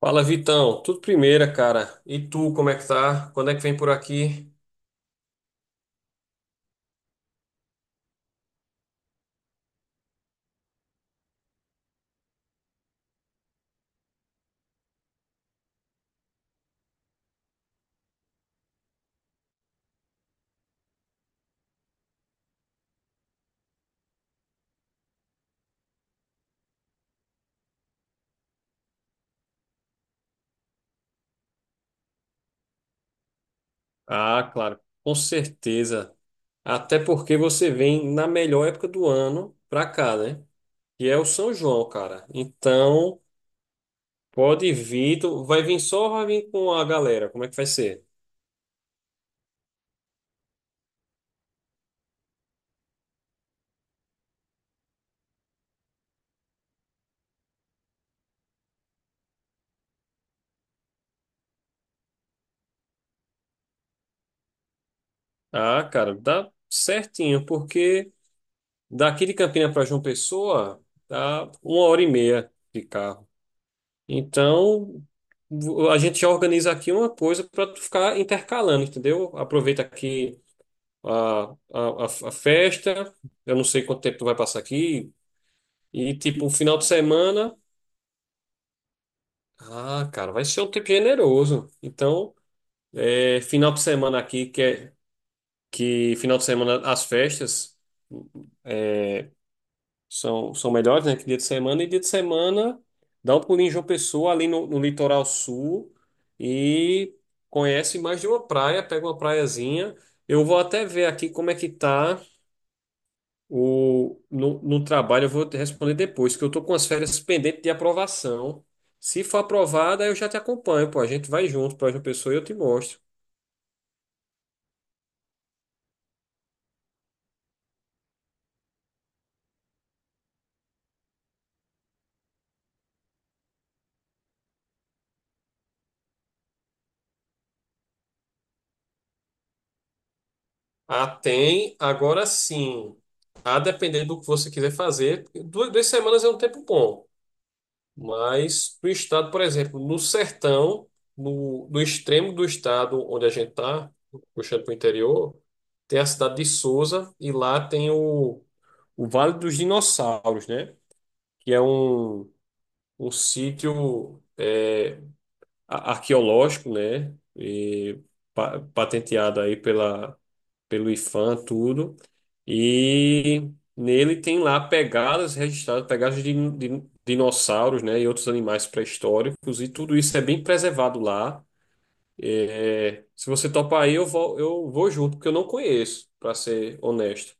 Fala, Vitão. Tudo primeira, cara. E tu, como é que tá? Quando é que vem por aqui? Ah, claro, com certeza. Até porque você vem na melhor época do ano pra cá, né? Que é o São João, cara. Então, pode vir. Tu vai vir só ou vai vir com a galera? Como é que vai ser? Ah, cara, dá certinho, porque daqui de Campina pra João Pessoa dá 1h30 de carro. Então, a gente já organiza aqui uma coisa para tu ficar intercalando, entendeu? Aproveita aqui a, a, a festa, eu não sei quanto tempo tu vai passar aqui, e tipo, um final de semana. Ah, cara, vai ser um tempo generoso. Então, é, final de semana aqui, que, que final de semana as festas. É, são melhores, né? Que dia de semana. E dia de semana, dá um pulinho em João Pessoa, ali no, litoral sul, e conhece mais de uma praia, pega uma praiazinha. Eu vou até ver aqui como é que tá o, no, no trabalho, eu vou te responder depois, que eu tô com as férias pendentes de aprovação. Se for aprovada, eu já te acompanho, pô. A gente vai junto para João Pessoa e eu te mostro. Ah, tem. Agora sim. A depender do que você quiser fazer. Duas semanas é um tempo bom. Mas o estado, por exemplo, no sertão, no, extremo do estado onde a gente está, puxando para o interior, tem a cidade de Sousa e lá tem o Vale dos Dinossauros, né? Que é um sítio arqueológico, né? E patenteado aí pela pelo IFAM, tudo. E nele tem lá pegadas registradas, pegadas de dinossauros, né, e outros animais pré-históricos, e tudo isso é bem preservado lá. É, se você topar aí, eu vou junto, porque eu não conheço, para ser honesto.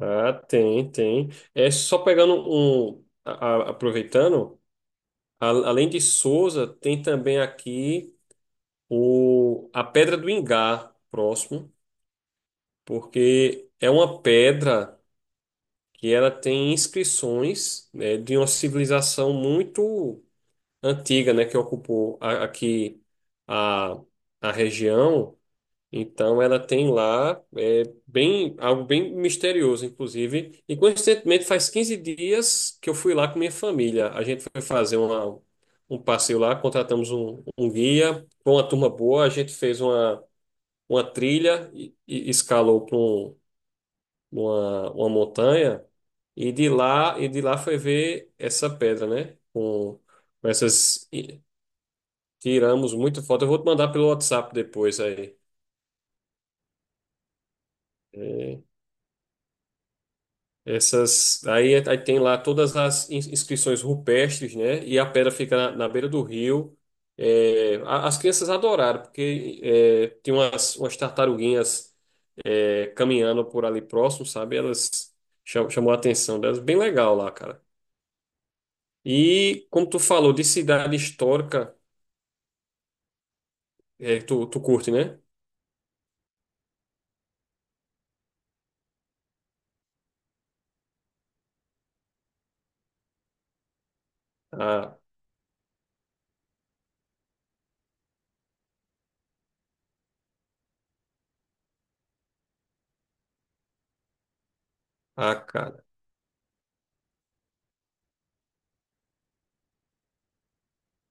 Ah, tem, tem. É só pegando aproveitando, além de Sousa, tem também aqui a Pedra do Ingá, próximo, porque é uma pedra. Que ela tem inscrições, né, de uma civilização muito antiga, né, que ocupou aqui a, a região. Então, ela tem lá bem, algo bem misterioso, inclusive. E, coincidentemente, faz 15 dias que eu fui lá com minha família. A gente foi fazer um passeio lá, contratamos um guia, com uma turma boa, a gente fez uma trilha e escalou numa uma montanha e de lá foi ver essa pedra, né? Com essas e Tiramos muita foto. Eu vou te mandar pelo WhatsApp depois aí. É, essas aí tem lá todas as inscrições rupestres, né? E a pedra fica na, beira do rio. É, as crianças adoraram porque tem umas tartaruguinhas caminhando por ali próximo, sabe? Elas chamou a atenção delas. Bem legal lá, cara. E como tu falou de cidade histórica, tu curte, né? A, a cara.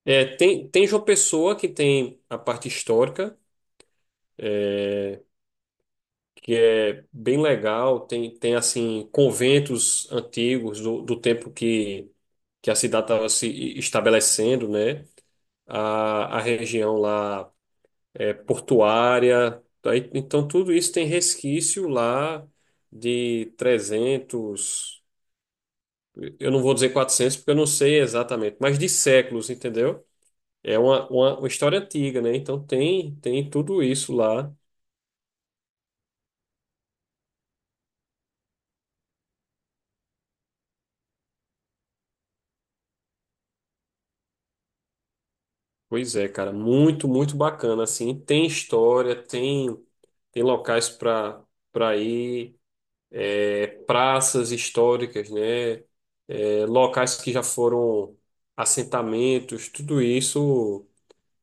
É, tem João Pessoa que tem a parte histórica, é, que é bem legal. Tem assim, conventos antigos do tempo que a cidade estava se estabelecendo, né? A região lá é portuária. Aí, então, tudo isso tem resquício lá de 300. Eu não vou dizer 400 porque eu não sei exatamente, mas de séculos, entendeu? É uma história antiga, né? Então tem tudo isso lá. Pois é, cara, muito, muito bacana, assim. Tem história, tem locais para ir, praças históricas, né? É, locais que já foram assentamentos, tudo isso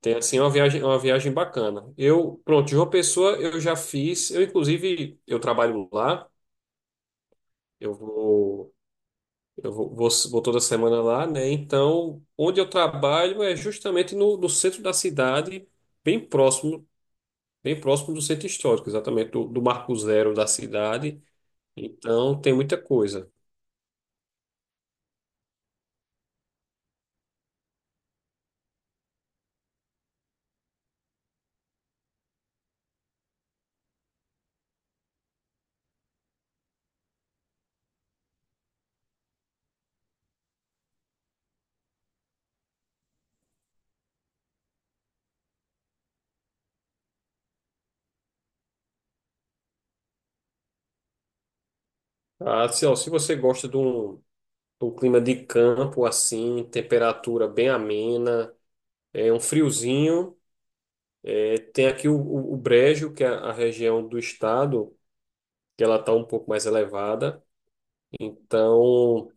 tem, assim, uma viagem bacana. Eu, pronto, João Pessoa eu já fiz, eu inclusive, eu trabalho lá. Eu vou, eu vou toda semana lá, né? Então, onde eu trabalho é justamente no centro da cidade, bem próximo, bem próximo do centro histórico, exatamente do Marco Zero da cidade. Então, tem muita coisa. Ah, se, ó, se você gosta de um clima de campo assim, temperatura bem amena, é um friozinho, tem aqui o, o Brejo, que é a região do estado, que ela está um pouco mais elevada. Então,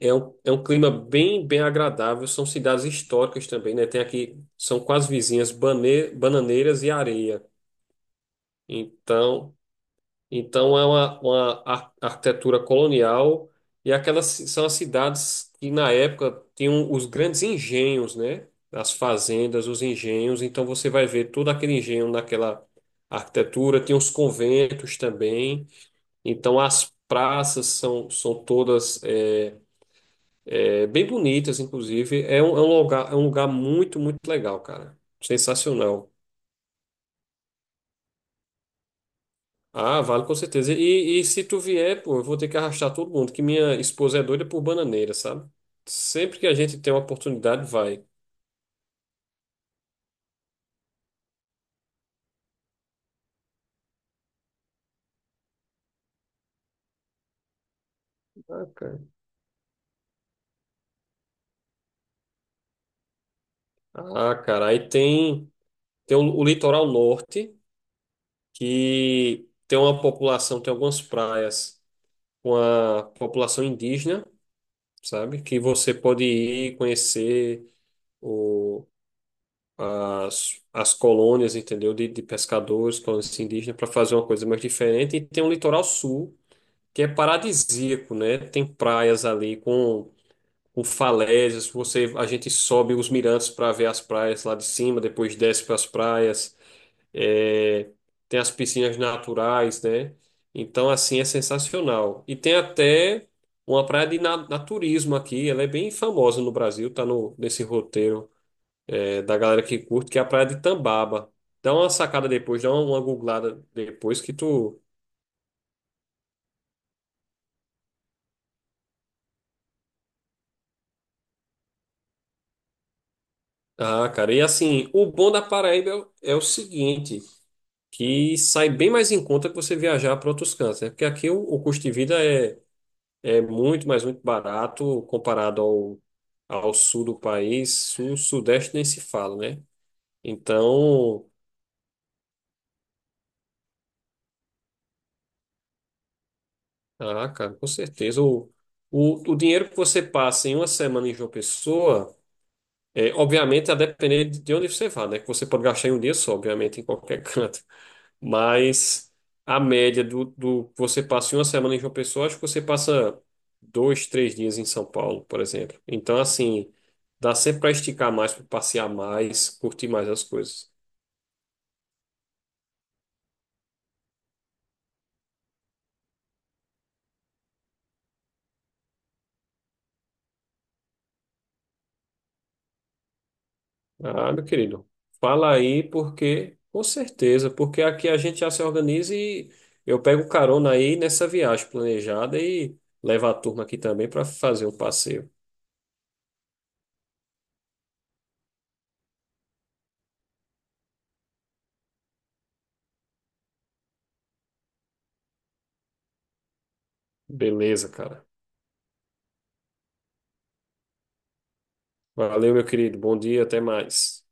é um clima bem agradável. São cidades históricas também, né? Tem aqui, são quase vizinhas, Bananeiras e Areia. Então, então é uma arquitetura colonial e são as cidades que na época tinham os grandes engenhos, né? As fazendas, os engenhos. Então você vai ver todo aquele engenho naquela arquitetura. Tem os conventos também. Então as praças são todas bem bonitas, inclusive. É um lugar muito, muito legal, cara. Sensacional. Ah, vale com certeza. E se tu vier, pô, eu vou ter que arrastar todo mundo, que minha esposa é doida por bananeira, sabe? Sempre que a gente tem uma oportunidade, vai. Ah, cara, Ah, cara, aí tem o, litoral norte, que tem uma população, tem algumas praias com a população indígena, sabe? Que você pode ir conhecer. o as colônias, entendeu? De pescadores, colônias indígenas, para fazer uma coisa mais diferente. E tem um litoral sul, que é paradisíaco, né? Tem praias ali com falésias. A gente sobe os mirantes para ver as praias lá de cima, depois desce para as praias. É, tem as piscinas naturais, né? Então, assim, é sensacional. E tem até uma praia de naturismo aqui, ela é bem famosa no Brasil, tá no, nesse roteiro da galera que curte, que é a Praia de Tambaba. Dá uma sacada depois, dá uma googlada depois que tu. Ah, cara, e assim, o bom da Paraíba é o seguinte, que sai bem mais em conta que você viajar para outros cantos, né? Porque aqui o, custo de vida é muito, mas muito barato comparado ao sul do país. Sul, sudeste nem se fala, né? Então, ah, cara, com certeza. O dinheiro que você passa em uma semana em João Pessoa. É, obviamente, a depender de onde você vá, né? Que você pode gastar em um dia só, obviamente, em qualquer canto. Mas a média do que você passa em uma semana em João Pessoa, acho que você passa dois, três dias em São Paulo, por exemplo. Então, assim, dá sempre para esticar mais, para passear mais, curtir mais as coisas. Ah, meu querido, fala aí, porque, com certeza, porque aqui a gente já se organiza e eu pego carona aí nessa viagem planejada e levo a turma aqui também para fazer um passeio. Beleza, cara. Valeu, meu querido. Bom dia, até mais.